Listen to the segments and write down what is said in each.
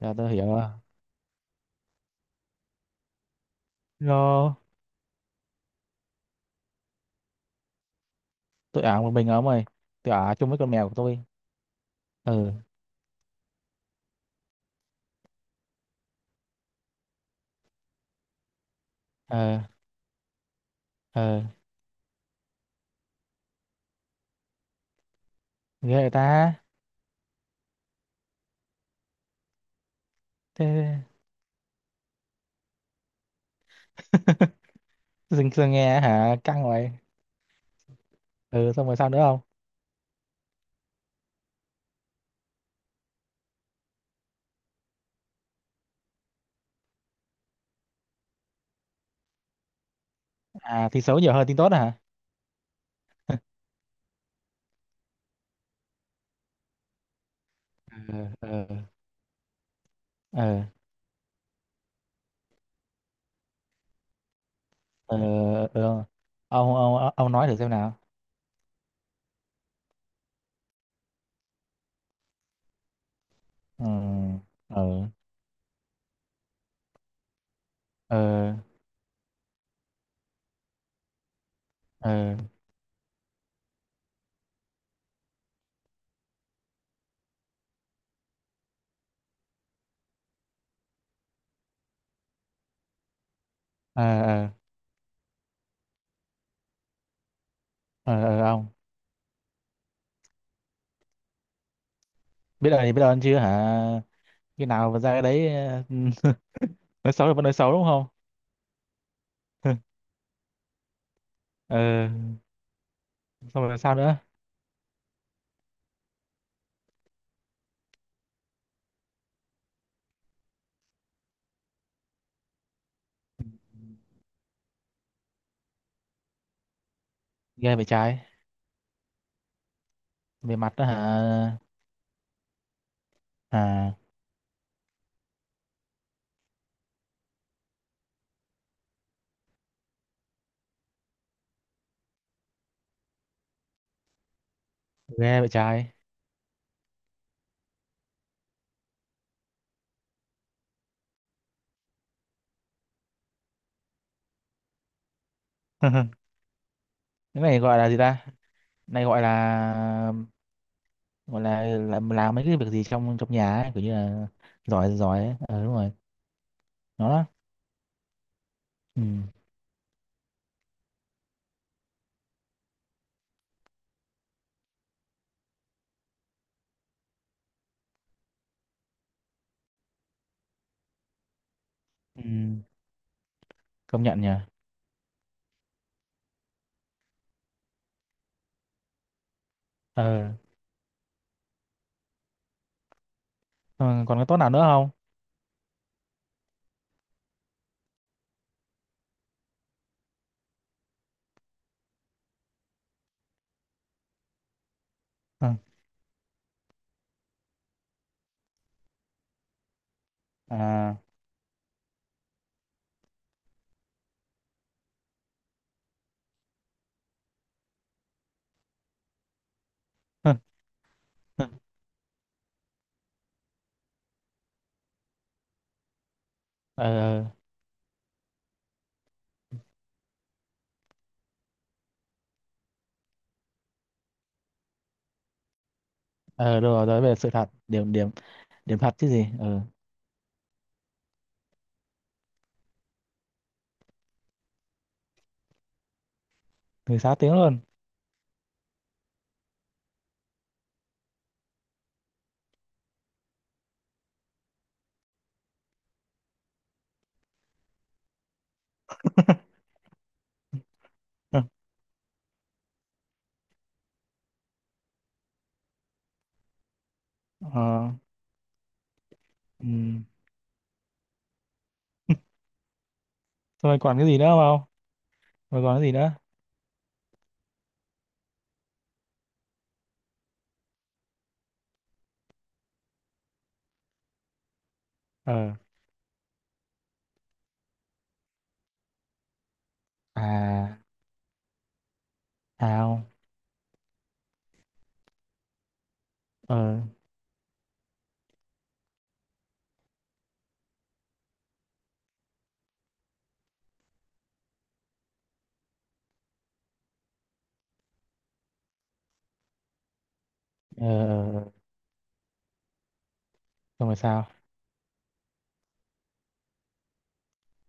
Dạ tôi hiểu rồi. Lo tôi ở một mình ở mày. Tôi ở chung với con mèo của tôi. Ừ, ờ, ờ, ghê vậy ta. Thế dừng dừng nghe hả? Căng vậy. Ừ, xong rồi sao nữa không? À, thì xấu nhiều hơn tin tốt hả? Ừ, ừ, ừ, ừ, ừ. Ông nói thử xem nào. Ừ, ừ, ừ, ừ, ừ, ừ, ừ, ừ, ông. Biết ơn thì biết ơn chứ hả? Khi nào mà ra cái đấy nói xấu là vẫn nói xấu đúng không? Ừ, xong rồi sao nữa? Ghê vậy trái. Về mặt đó hả? À, ghê vậy trái. Cái này gọi là gì ta? Này gọi là làm, mấy cái việc gì trong trong nhà ấy, kiểu như là giỏi giỏi ấy. Ờ đúng rồi. Nó đó. Ừ. Ừ. Công nhận nhỉ. Ờ. Còn còn cái tốt nào nữa không? Ừ. À. Ờ, ờ, ờ, đúng rồi, nói về sự thật. Điểm điểm Điểm thật chứ gì. Ờ, người sáu tiếng luôn. Ờ, ừ. Thôi còn cái gì nữa không? Rồi còn cái gì nữa? Ờ, à, sao? Ờ, ờ, ờ, ờ. Xong rồi sao?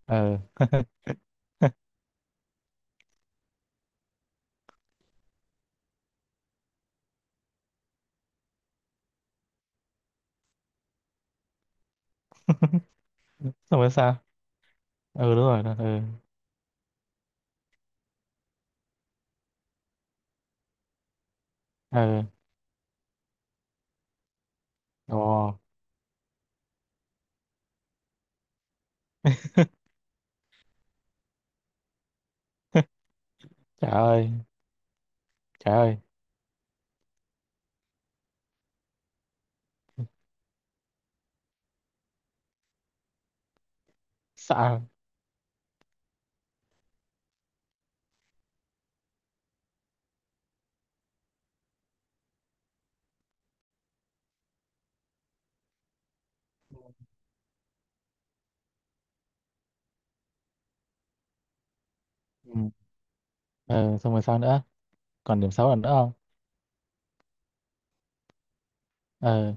Ờ, xong rồi sao? Ừ, đúng rồi đó. Ờ, ờ. Ồ. Trời ơi, trời ơi. Sao? Ừ. Ờ, xong rồi sao nữa? Còn điểm xấu là nữa không? Ờ,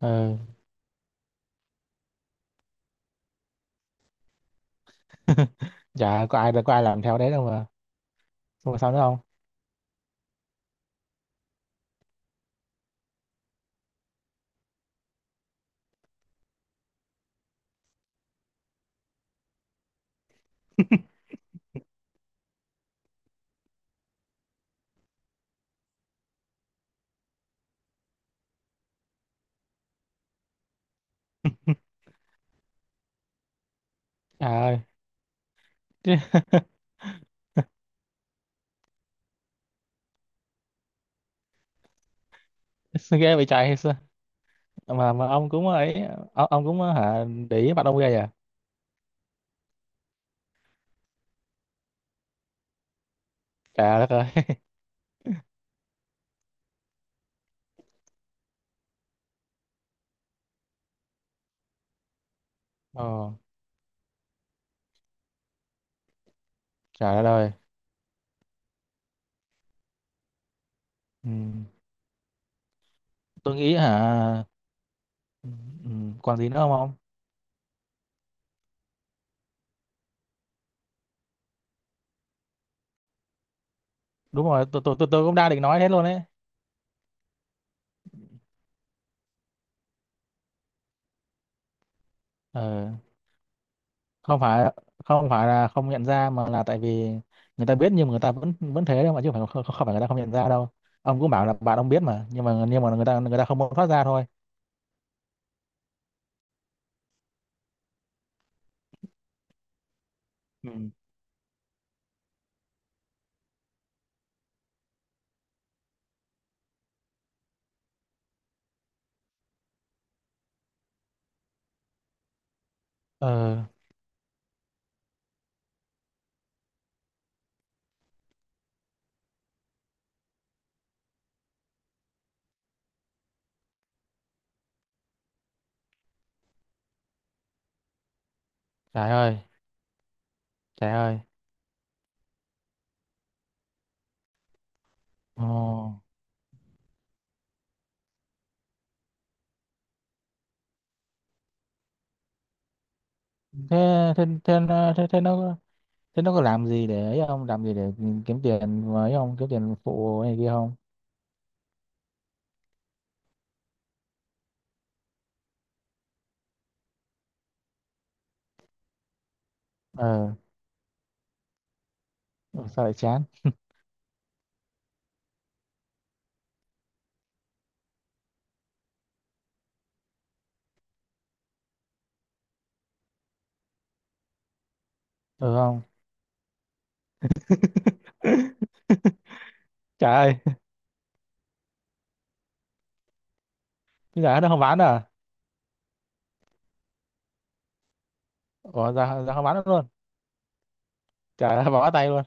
ờ. Chả có ai, làm theo đấy đâu mà. Xong rồi sao nữa không? Trời ơi. Chứ. Ghê vậy trời, hay sao? Mà ông cũng ấy. Ông cũng hả? Để ý mặt ông ghê à. Trời đất ơi. Ồ, trời đất ơi. Ừ. Tôi nghĩ hả, ừ, ừ, còn gì nữa không ông? Đúng rồi, tôi cũng đang định nói thế luôn đấy. Ờ, không phải không phải là không nhận ra mà là tại vì người ta biết, nhưng mà người ta vẫn vẫn thế đâu mà, chứ không phải người ta không nhận ra đâu. Ông cũng bảo là bạn ông biết mà, nhưng mà người ta không muốn thoát ra thôi. Ừ. Ờ, trời ơi, trời ơi. Ồ. thế thế, thế nó có làm gì để ấy, không làm gì để kiếm tiền với, không kiếm tiền phụ này kia không? Ờ. Sao lại chán? Ừ, không. Trời ơi. Bây giờ nó không bán à? Ủa, ra ra không bán được luôn? Trả ra bỏ tay luôn.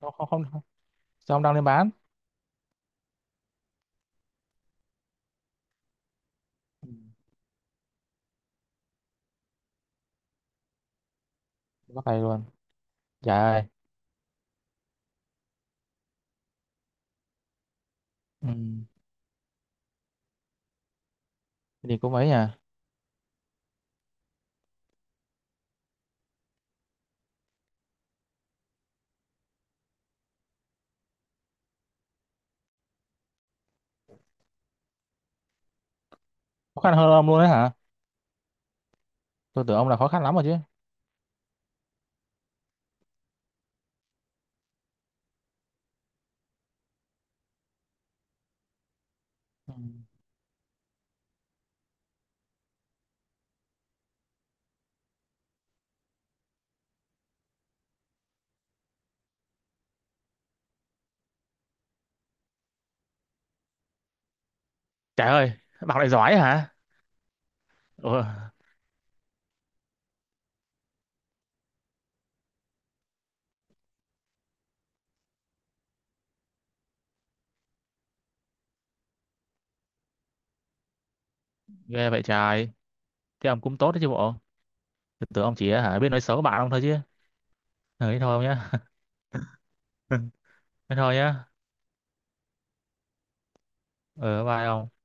Không, không, không. Sao không đăng lên bán? Ừ, bỏ tay luôn. Trời ơi. Ừ. Thế thì cũng ấy nhỉ. Khó khăn hơn ông luôn đấy hả? Tôi tưởng ông là khó khăn lắm rồi chứ. Ừ. Trời ơi. Bạn lại giỏi hả? Ủa, ghê vậy trời. Thế ông cũng tốt đấy chứ bộ. Tôi tưởng ông chỉ hả biết nói xấu bạn ông thôi chứ. Ừ, thế thôi nhá. Thế thôi nhá. Ừ, bye ông.